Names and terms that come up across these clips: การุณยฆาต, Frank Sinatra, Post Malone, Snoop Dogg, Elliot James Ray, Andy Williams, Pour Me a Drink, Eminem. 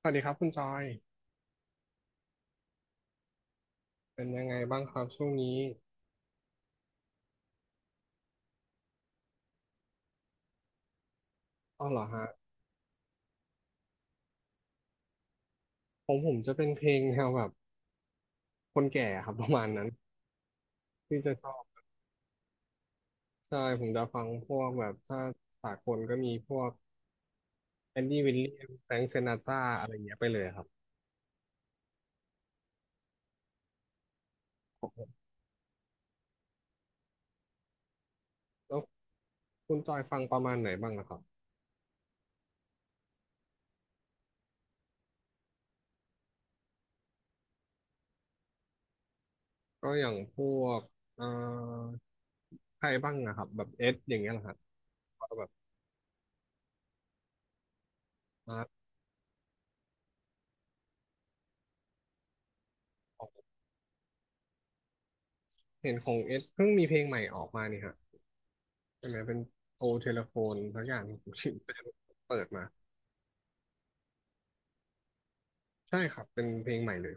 สวัสดีครับคุณจอย เป็นยังไงบ้างครับช่วงนี้อ๋อเหรอฮะผมจะเป็นเพลงแนวแบบคนแก่ครับ ประมาณนั้นที่จะชอบใช่ผมจะฟังพวกแบบถ้าสากลก็มีพวกแอนดี้วิลเลียมแฟรงค์ซินาตราอะไรเงี้ยไปเลยครับแล้วคุณจอยฟังประมาณไหนบ้างอะครับก็อย่างพวกเอ่อใครบ้างนะครับแบบเอสอย่างเงี้ยเหรอฮะก็แบบมาออกเห็นของเอสเพิ่งมีเพลงใหม่ออกมานี่ฮะใช่ไหมเป็นโอเทเลโฟนสักอย่าง ที่ผมเปิดมา ใช่ครับ เป็นเพลงใหม่เลย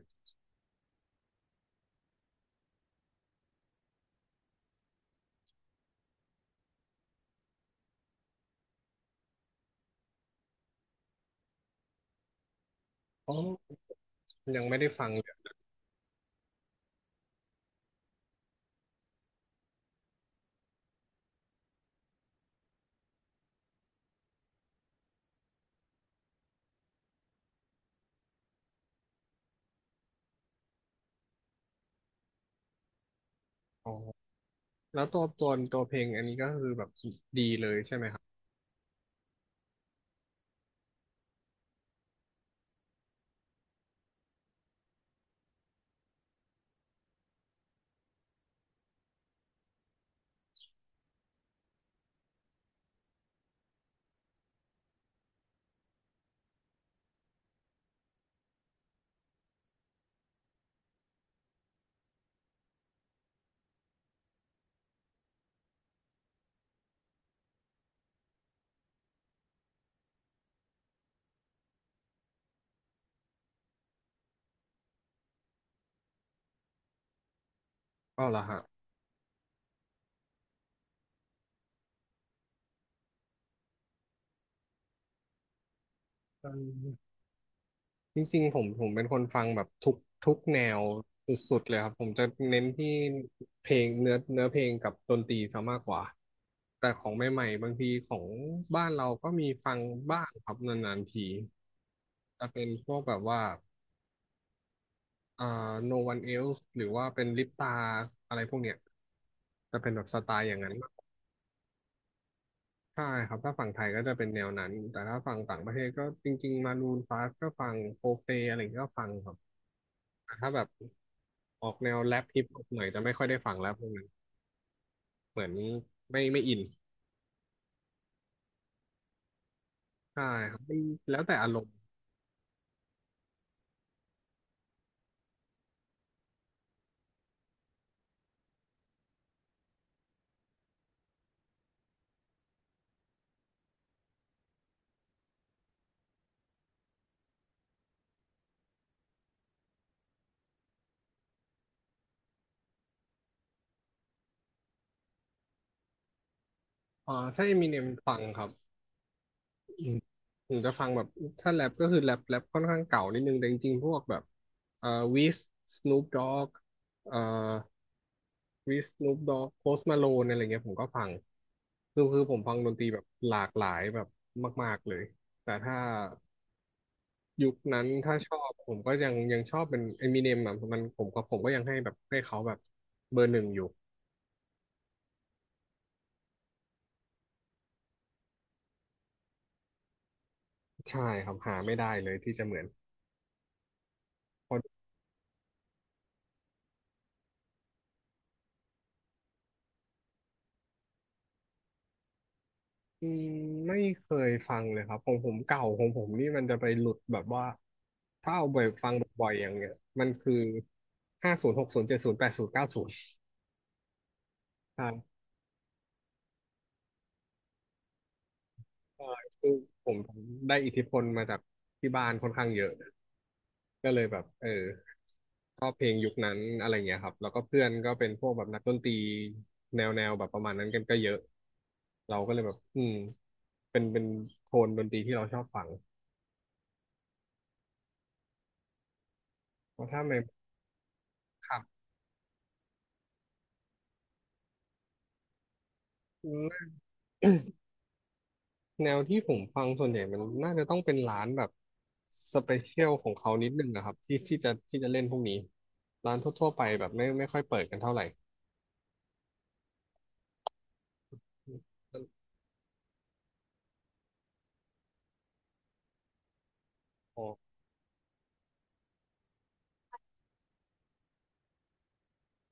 อ๋อยังไม่ได้ฟังเลยอ๋อแล้วตัวเพลงอันนี้ก็คือแบบดีเลยใช่ไหมครับอ๋อเหรอฮะอืมจริงๆผมเป็นคนฟังแบบทุกแนวสุดๆเลยครับ ผมจะเน้นที่เพลงเนื้อเพลงกับดนตรีซะมากกว่า แต่ของใหม่ๆบางทีของบ้านเราก็มีฟังบ้างครับนานๆที จะเป็นพวกแบบว่าอ่า No One Else หรือว่าเป็นลิปตาอะไรพวกเนี้ยจะเป็นแบบสไตล์อย่างนั้น ใช่ครับถ้าฝั่งไทยก็จะเป็นแนวนั้นแต่ถ้าฝั่งต่างประเทศก็จริงๆมารูนฟาสก็ฟังโฟเฟอะไรอย่างเงี้ยก็ฟังครับแต่ถ้าแบบออกแนวแรปฮิปฮอปหน่อยจะไม่ค่อยได้ฟังแล้วพวกนั้นเหมือนไม่อินใช่ครับมันแล้วแต่อารมณ์อ่าถ้าเอมิเนมฟังครับอืมผมจะฟังแบบถ้าแรปก็คือแรปค่อนข้างเก่านิดนึงแต่จริงๆพวกแบบเอ่อวิสสนูปด็อกเอ่อ วิสนูปด็อกโพสมาโลนอะไรเงี้ยผมก็ฟัง คือผมฟังดนตรีแบบหลากหลายแบบมากๆเลย แต่ถ้ายุคนั้นถ้าชอบผมก็ยังชอบเป็นเอมิเนมอ่ะมันผมก็ยังให้แบบให้เขาแบบเบอร์หนึ่งอยู่ ใช่ครับหาไม่ได้เลยที่จะเหมือนพออืมไม่เคยฟังเลยครับของผมเก่าของผมนี่มันจะไปหลุดแบบว่าถ้าเอาไปฟังบ่อยๆอย่างเงี้ยมันคือ50 60 70 80 90ใช่ ใช่คือผมได้อิทธิพลมาจากที่บ้านค่อนข้างเยอะก็เลยแบบเออชอบเพลงยุคนั้นอะไรเงี้ยครับแล้วก็เพื่อนก็เป็นพวกแบบนักดนตรีแนวแบบประมาณนั้นกันก็เยอะเราก็เลยแบบอืมเป็นโทนดนตรีที่เราชอบฟังเพราะถ้าไม่ครับแนวที่ผมฟังส่วนใหญ่มันน่าจะต้องเป็นร้านแบบสเปเชียลของเขานิดนึงนะครับที่ที่จะเล่นพวกนี้ร้านทั่วๆไปแบบไม่ค่อยเปิดกันเท่าไหร่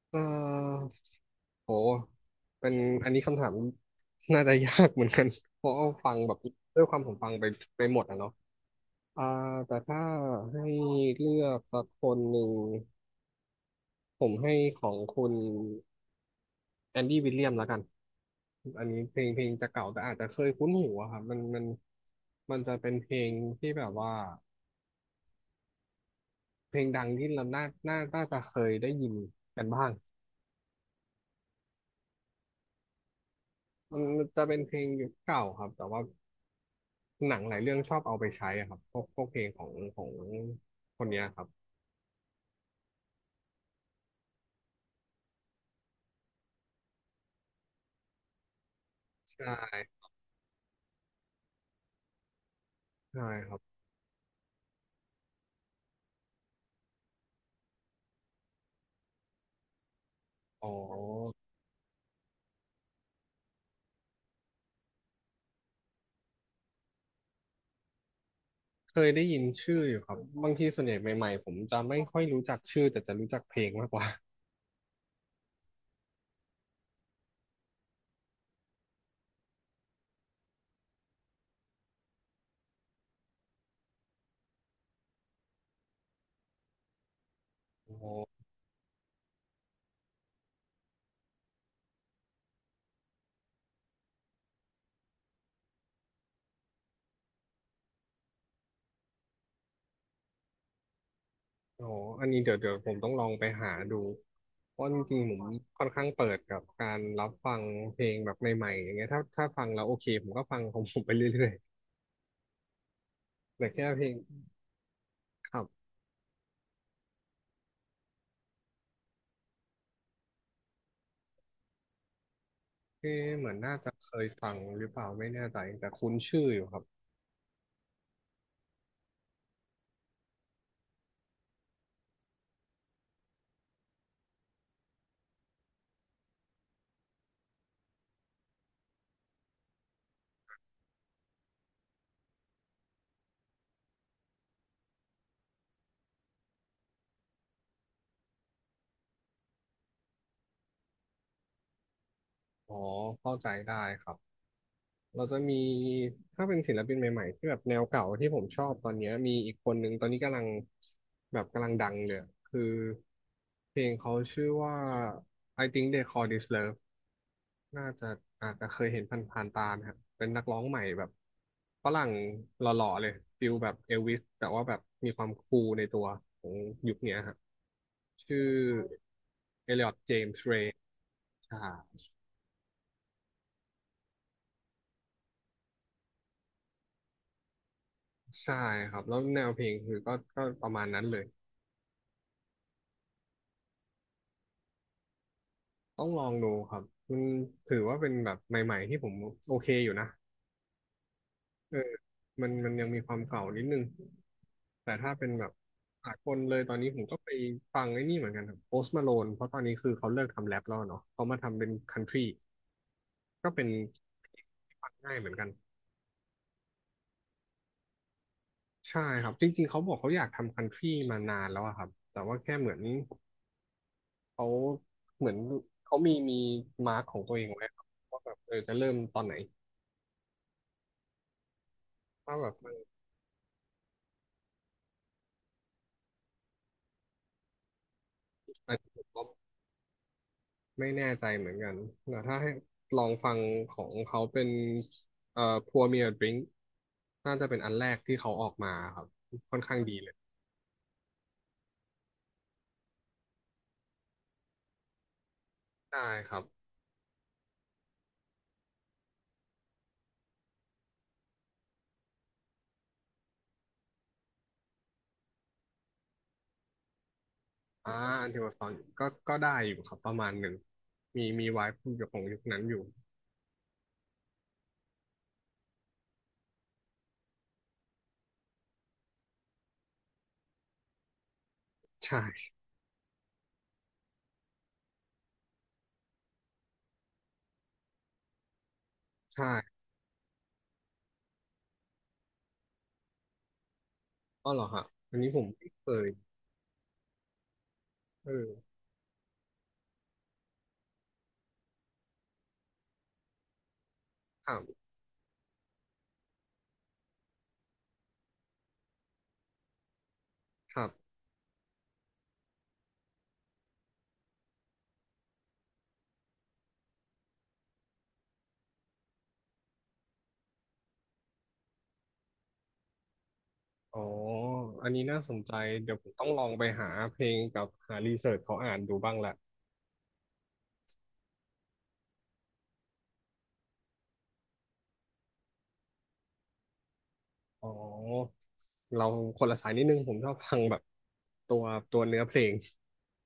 เอ่อโหเป็นอันนี้คำถามน่าจะยากเหมือนกัน เพราะว่าฟังแบบด้วยความผมฟังไปหมดอ่ะเนาะอ่าแต่ถ้าให้เลือกสักคนหนึ่งผมให้ของคุณแอนดี้วิลเลียมแล้วกันอันนี้เพลงจะเก่าแต่อาจจะเคยคุ้นหูอะครับมันจะเป็นเพลงที่แบบว่าเพลงดังที่เราน่าจะเคยได้ยินกันบ้างมันจะเป็นเพลงยุคเก่าครับแต่ว่า หนังหลายเรื่องชอบเอาไปใช้อะครับพวกพวกเพลงของคนเนี้ยครับใช่ใช่ครับอ๋อเคยได้ยินชื่ออยู่ครับบางทีส่วนใหญ่ใหม่ๆผมจะไม่ค่อยรู้จักชื่อแต่จะรู้จักเพลงมากกว่าอ๋ออันนี้เดี๋ยวผมต้องลองไปหาดูเพราะจริงๆผมค่อนข้างเปิดกับการรับฟังเพลงแบบใหม่ๆอย่างเงี้ยถ้าถ้าฟังแล้วโอเคผมก็ฟังของผมไปเรื่อยๆแต่แค่เพลงครับเอ๊ะเหมือนน่าจะเคยฟังหรือเปล่าไม่แน่ใจแต่คุ้นชื่ออยู่ครับอ๋อเข้าใจได้ครับ เราจะมีถ้าเป็นศิลปินใหม่ๆที่แบบแนวเก่าที่ผมชอบตอนเนี้ยมีอีกคนนึงตอนนี้กำลังแบบกำลังดังเลยอะคือเพลงเขาชื่อว่า I think they call this love น่าจะอาจจะเคยเห็นผ่านๆตานะครับเป็นนักร้องใหม่แบบฝรั่งหล่อๆเลยฟิลแบบเอลวิสแต่ว่าแบบมีความคูลในตัวของยุคเนี้ยครับชื่อเอลิออตเจมส์เรย์ใช่ใช่ครับแล้วแนวเพลงคือก็ประมาณนั้นเลย ต้องลองดูครับมันถือว่าเป็นแบบใหม่ๆที่ผมโอเคอยู่นะเออมันยังมีความเก่านิดนึงแต่ถ้าเป็นแบบสากลเลยตอนนี้ผมก็ไปฟังไอ้นี่เหมือนกันครับโพสต์มาโลนเพราะตอนนี้คือเขาเลิกทำแรปแล้วเนาะเขามาทำเป็นคันทรีก็เป็นฟังง่ายเหมือนกันใช่ครับจริงๆเขาบอกเขาอยากทำคันทรีมานานแล้วอะครับแต่ว่าแค่เหมือนเขาเหมือนเขามีมาร์กของตัวเองไว้ครับว่าแบบเออจะเริ่มตอนไหนถ้าแบบมัน ไม่แน่ใจเหมือนกันแต่ถ้าให้ลองฟังของเขาเป็นPour Me a Drink น่าจะเป็นอันแรกที่เขาออกมาครับค่อนข้างดีเลยได้ครับอ่าอันที่มาตอนก็ได้อยู่ครับประมาณหนึ่งมีไวฟ์อยู่ของยุคนั้นอยู่ใช่ใช่อ๋อเหรอฮะอันนี้ผมไม่เคยเออครับครับอ๋ออันนี้น่าสนใจเดี๋ยวผมต้องลองไปหาเพลงกับหารีเสิร์ชเขาอ่านดูบ้างละ อ๋อเราคนละสายนิดนึงผมชอบฟังแบบตัวเนื้อเพลง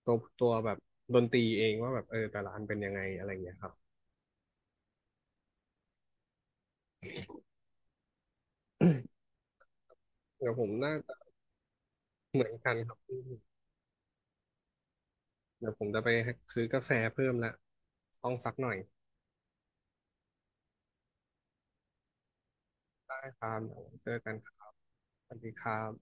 ตัวแบบดนตรีเองว่าแบบเออแต่ละอันเป็นยังไงอะไรอย่างเงี้ยครับ เดี๋ยวผมน่าจะเหมือนกันครับพี่เดี๋ยวผมจะไปซื้อกาแฟเพิ่มละต้องสักหน่อยได้ครับเดี๋ยวเจอกันครับสวัสดีครับ